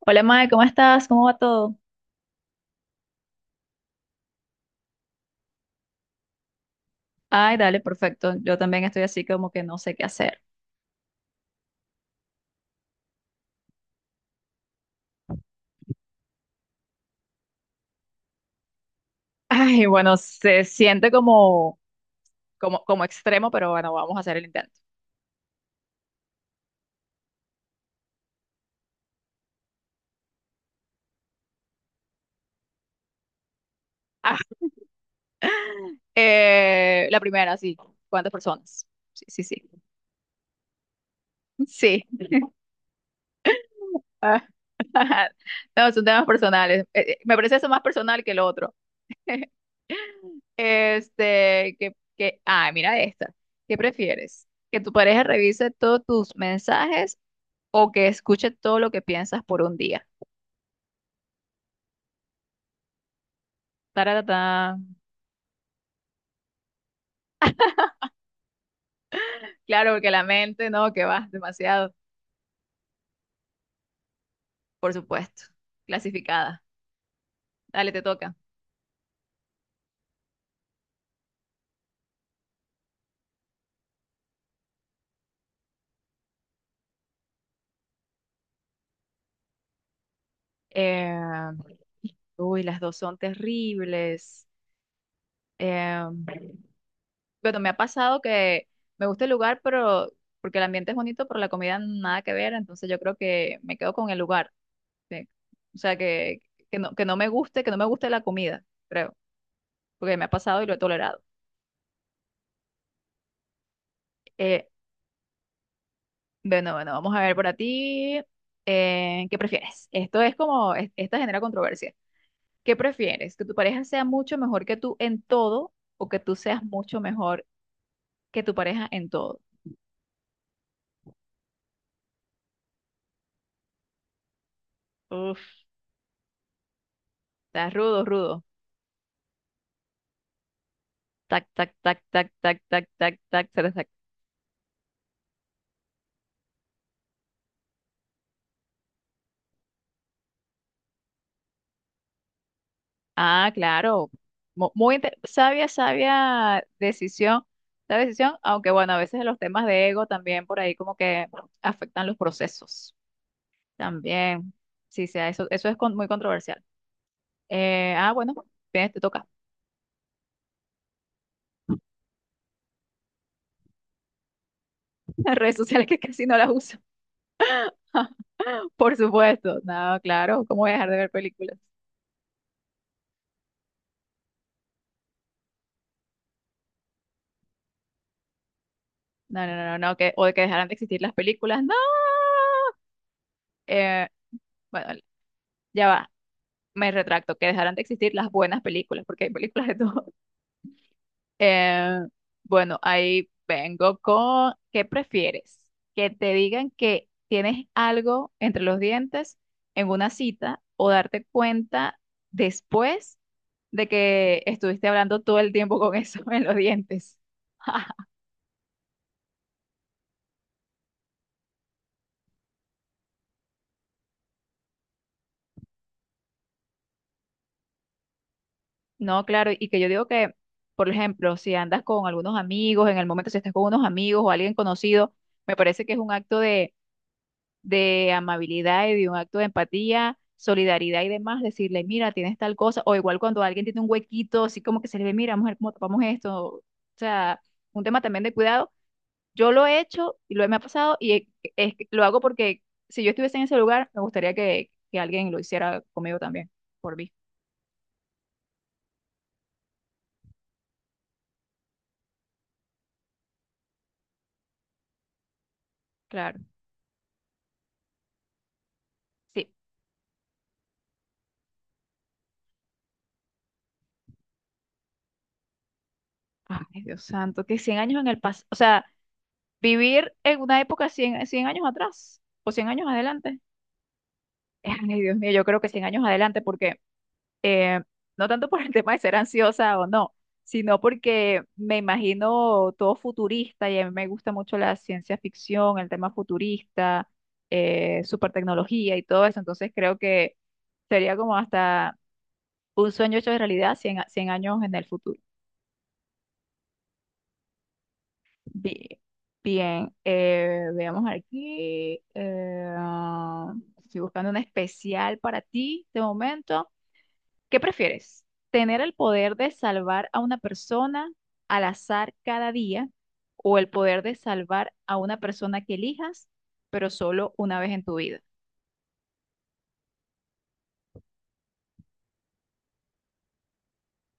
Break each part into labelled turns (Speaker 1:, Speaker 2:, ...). Speaker 1: Hola Mae, ¿cómo estás? ¿Cómo va todo? Ay, dale, perfecto. Yo también estoy así como que no sé qué hacer. Ay, bueno, se siente como, como extremo, pero bueno, vamos a hacer el intento. Ah, la primera, sí. ¿Cuántas personas? Sí, sí, sí. Sí. Ah, No, son temas personales. Me parece eso más personal que el otro. Este, ah, mira esta. ¿Qué prefieres? ¿Que tu pareja revise todos tus mensajes o que escuche todo lo que piensas por un día? Taratata. Claro, porque la mente, no, que va demasiado, por supuesto. Clasificada. Dale, te toca. Eh, Uy, las dos son terribles. Eh, bueno, me ha pasado que me gusta el lugar, pero porque el ambiente es bonito, pero la comida nada que ver, entonces yo creo que me quedo con el lugar. ¿Sí? O sea, que, que no me guste, que no me guste la comida, creo, porque me ha pasado y lo he tolerado. Eh, Bueno, vamos a ver para ti. ¿Qué prefieres? Esto es como, esta genera controversia. ¿Qué prefieres? ¿Que tu pareja sea mucho mejor que tú en todo o que tú seas mucho mejor que tu pareja en todo? Uf, está rudo, rudo. Tac, tac, tac, tac, tac, tac, tac, tac, tac, tac. Ah, claro. Muy, sabia, sabia decisión. Sabia decisión, aunque bueno, a veces los temas de ego también por ahí como que afectan los procesos. También. Sí, sí, eso, es muy controversial. Bueno, bien, te toca. Las redes sociales que casi no las uso. Por supuesto. No, claro. ¿Cómo voy a dejar de ver películas? No, no, no, no, no, que, o de que dejaran de existir las películas. No. Eh, bueno, ya va. Me retracto. Que dejaran de existir las buenas películas, porque hay películas de todo. Eh, bueno, ahí vengo con. ¿Qué prefieres? Que te digan que tienes algo entre los dientes en una cita o darte cuenta después de que estuviste hablando todo el tiempo con eso en los dientes. No, claro, y que yo digo que, por ejemplo, si andas con algunos amigos, en el momento si estás con unos amigos o alguien conocido, me parece que es un acto de amabilidad y de un acto de empatía, solidaridad y demás, decirle, mira, tienes tal cosa, o igual cuando alguien tiene un huequito, así como que se le ve, mira, mujer, cómo tapamos esto, o sea, un tema también de cuidado. Yo lo he hecho y lo me ha pasado es que lo hago porque si yo estuviese en ese lugar, me gustaría que alguien lo hiciera conmigo también, por mí. Claro, sí. Ay, Dios santo, que 100 años en el pasado, o sea, vivir en una época 100 años atrás o 100 años adelante. Ay, Dios mío, yo creo que 100 años adelante porque eh, no tanto por el tema de ser ansiosa o no, sino porque me imagino todo futurista y a mí me gusta mucho la ciencia ficción, el tema futurista, super tecnología y todo eso, entonces creo que sería como hasta un sueño hecho de realidad 100 años en el futuro. Bi- Bien, veamos aquí, estoy buscando un especial para ti de momento. ¿Qué prefieres? ¿Tener el poder de salvar a una persona al azar cada día o el poder de salvar a una persona que elijas, pero solo una vez en tu vida?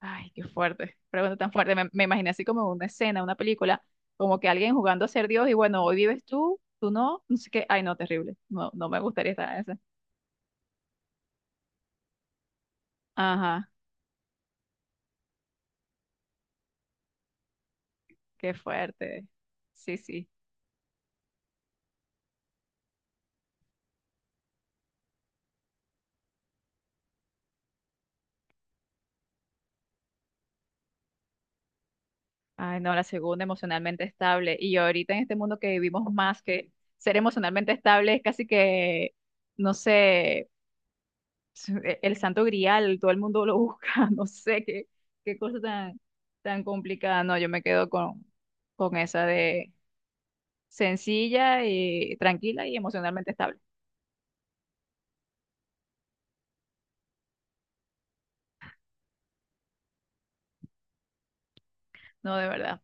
Speaker 1: Ay, qué fuerte. Pregunta tan fuerte. Me imaginé así como una escena, una película, como que alguien jugando a ser Dios y bueno, hoy vives tú, no sé qué. Ay, no, terrible. No, no me gustaría estar en esa. Ajá, qué fuerte. Sí, sí. Ay, no, la segunda, emocionalmente estable. Y ahorita en este mundo que vivimos más que ser emocionalmente estable es casi que, no sé, el santo grial, todo el mundo lo busca, no sé qué, qué cosa tan, tan complicada. No, yo me quedo con esa de sencilla y tranquila y emocionalmente estable. No, de verdad.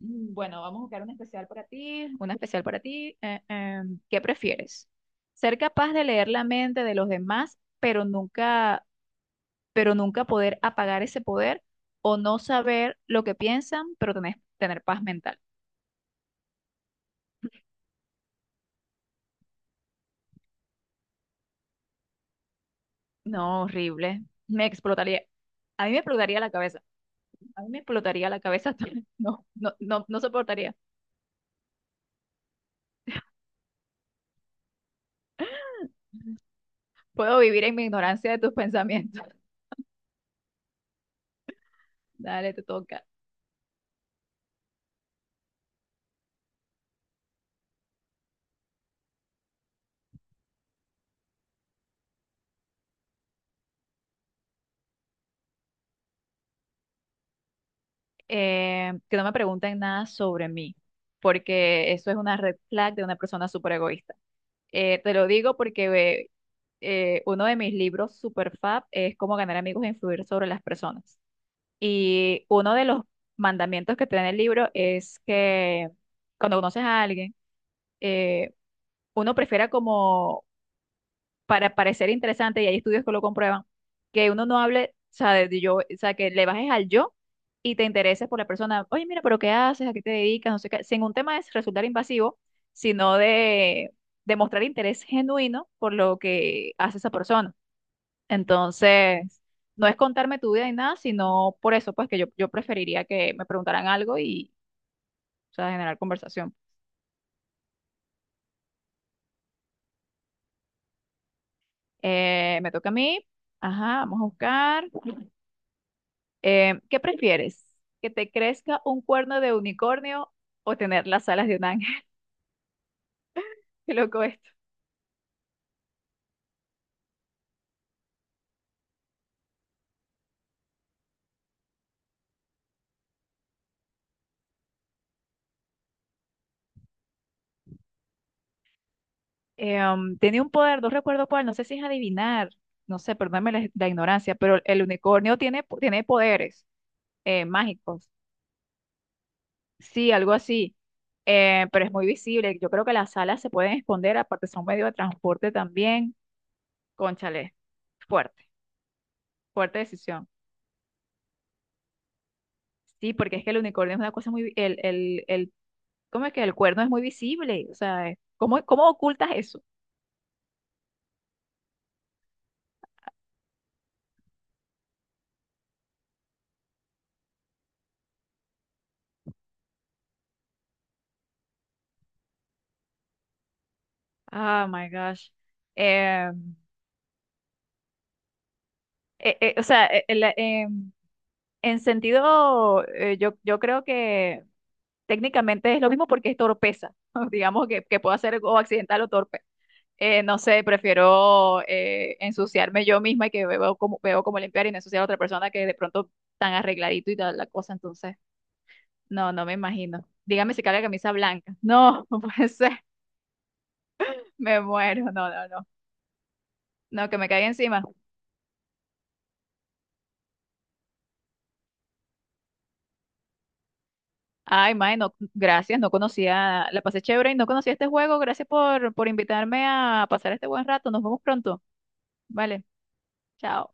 Speaker 1: Mm, bueno, vamos a buscar una especial para ti, una especial para ti. ¿Qué prefieres? ¿Ser capaz de leer la mente de los demás, pero nunca poder apagar ese poder o no saber lo que piensan, pero tener paz mental? No, horrible. Me explotaría. A mí me explotaría la cabeza. A mí me explotaría la cabeza. No, no, no, no soportaría. Puedo vivir en mi ignorancia de tus pensamientos. Dale, te toca. Que no me pregunten nada sobre mí, porque eso es una red flag de una persona súper egoísta. Te lo digo porque uno de mis libros super fab es Cómo ganar amigos e influir sobre las personas. Y uno de los mandamientos que te da en el libro es que cuando conoces a alguien, eh, uno prefiera como, para parecer interesante, y hay estudios que lo comprueban, que uno no hable, o sea, de yo, o sea, que le bajes al yo y te intereses por la persona. Oye, mira, pero ¿qué haces? ¿A qué te dedicas? No sé qué. Sin un tema es resultar invasivo, sino de demostrar interés genuino por lo que hace esa persona. Entonces, no es contarme tu vida ni nada, sino por eso, pues que yo preferiría que me preguntaran algo y, o sea, generar conversación. Me toca a mí. Ajá, vamos a buscar. ¿Qué prefieres? ¿Que te crezca un cuerno de unicornio o tener las alas de un ángel? Qué loco esto. Tiene un poder, no recuerdo cuál, no sé si es adivinar, no sé, perdóname la ignorancia, pero el unicornio tiene, tiene poderes mágicos. Sí, algo así. Pero es muy visible. Yo creo que las alas se pueden esconder, aparte son medio de transporte también. Cónchale, fuerte, fuerte decisión. Sí, porque es que el unicornio es una cosa muy... ¿cómo es que el cuerno es muy visible? O sea, ¿cómo ocultas eso? Ah, my gosh. Eh, o sea, en sentido, yo creo que técnicamente es lo mismo porque es torpeza. Digamos que puede ser o accidental o torpe. No sé, prefiero ensuciarme yo misma y que veo como limpiar y no ensuciar a otra persona que de pronto tan arregladito y tal la cosa. Entonces, no, no me imagino. Dígame si cae la camisa blanca. No, no puede ser. Me muero. No, no, no. No, que me caiga encima. Ay, mae, no, gracias. No conocía, la pasé chévere y no conocía este juego. Gracias por invitarme a pasar este buen rato. Nos vemos pronto. Vale, chao.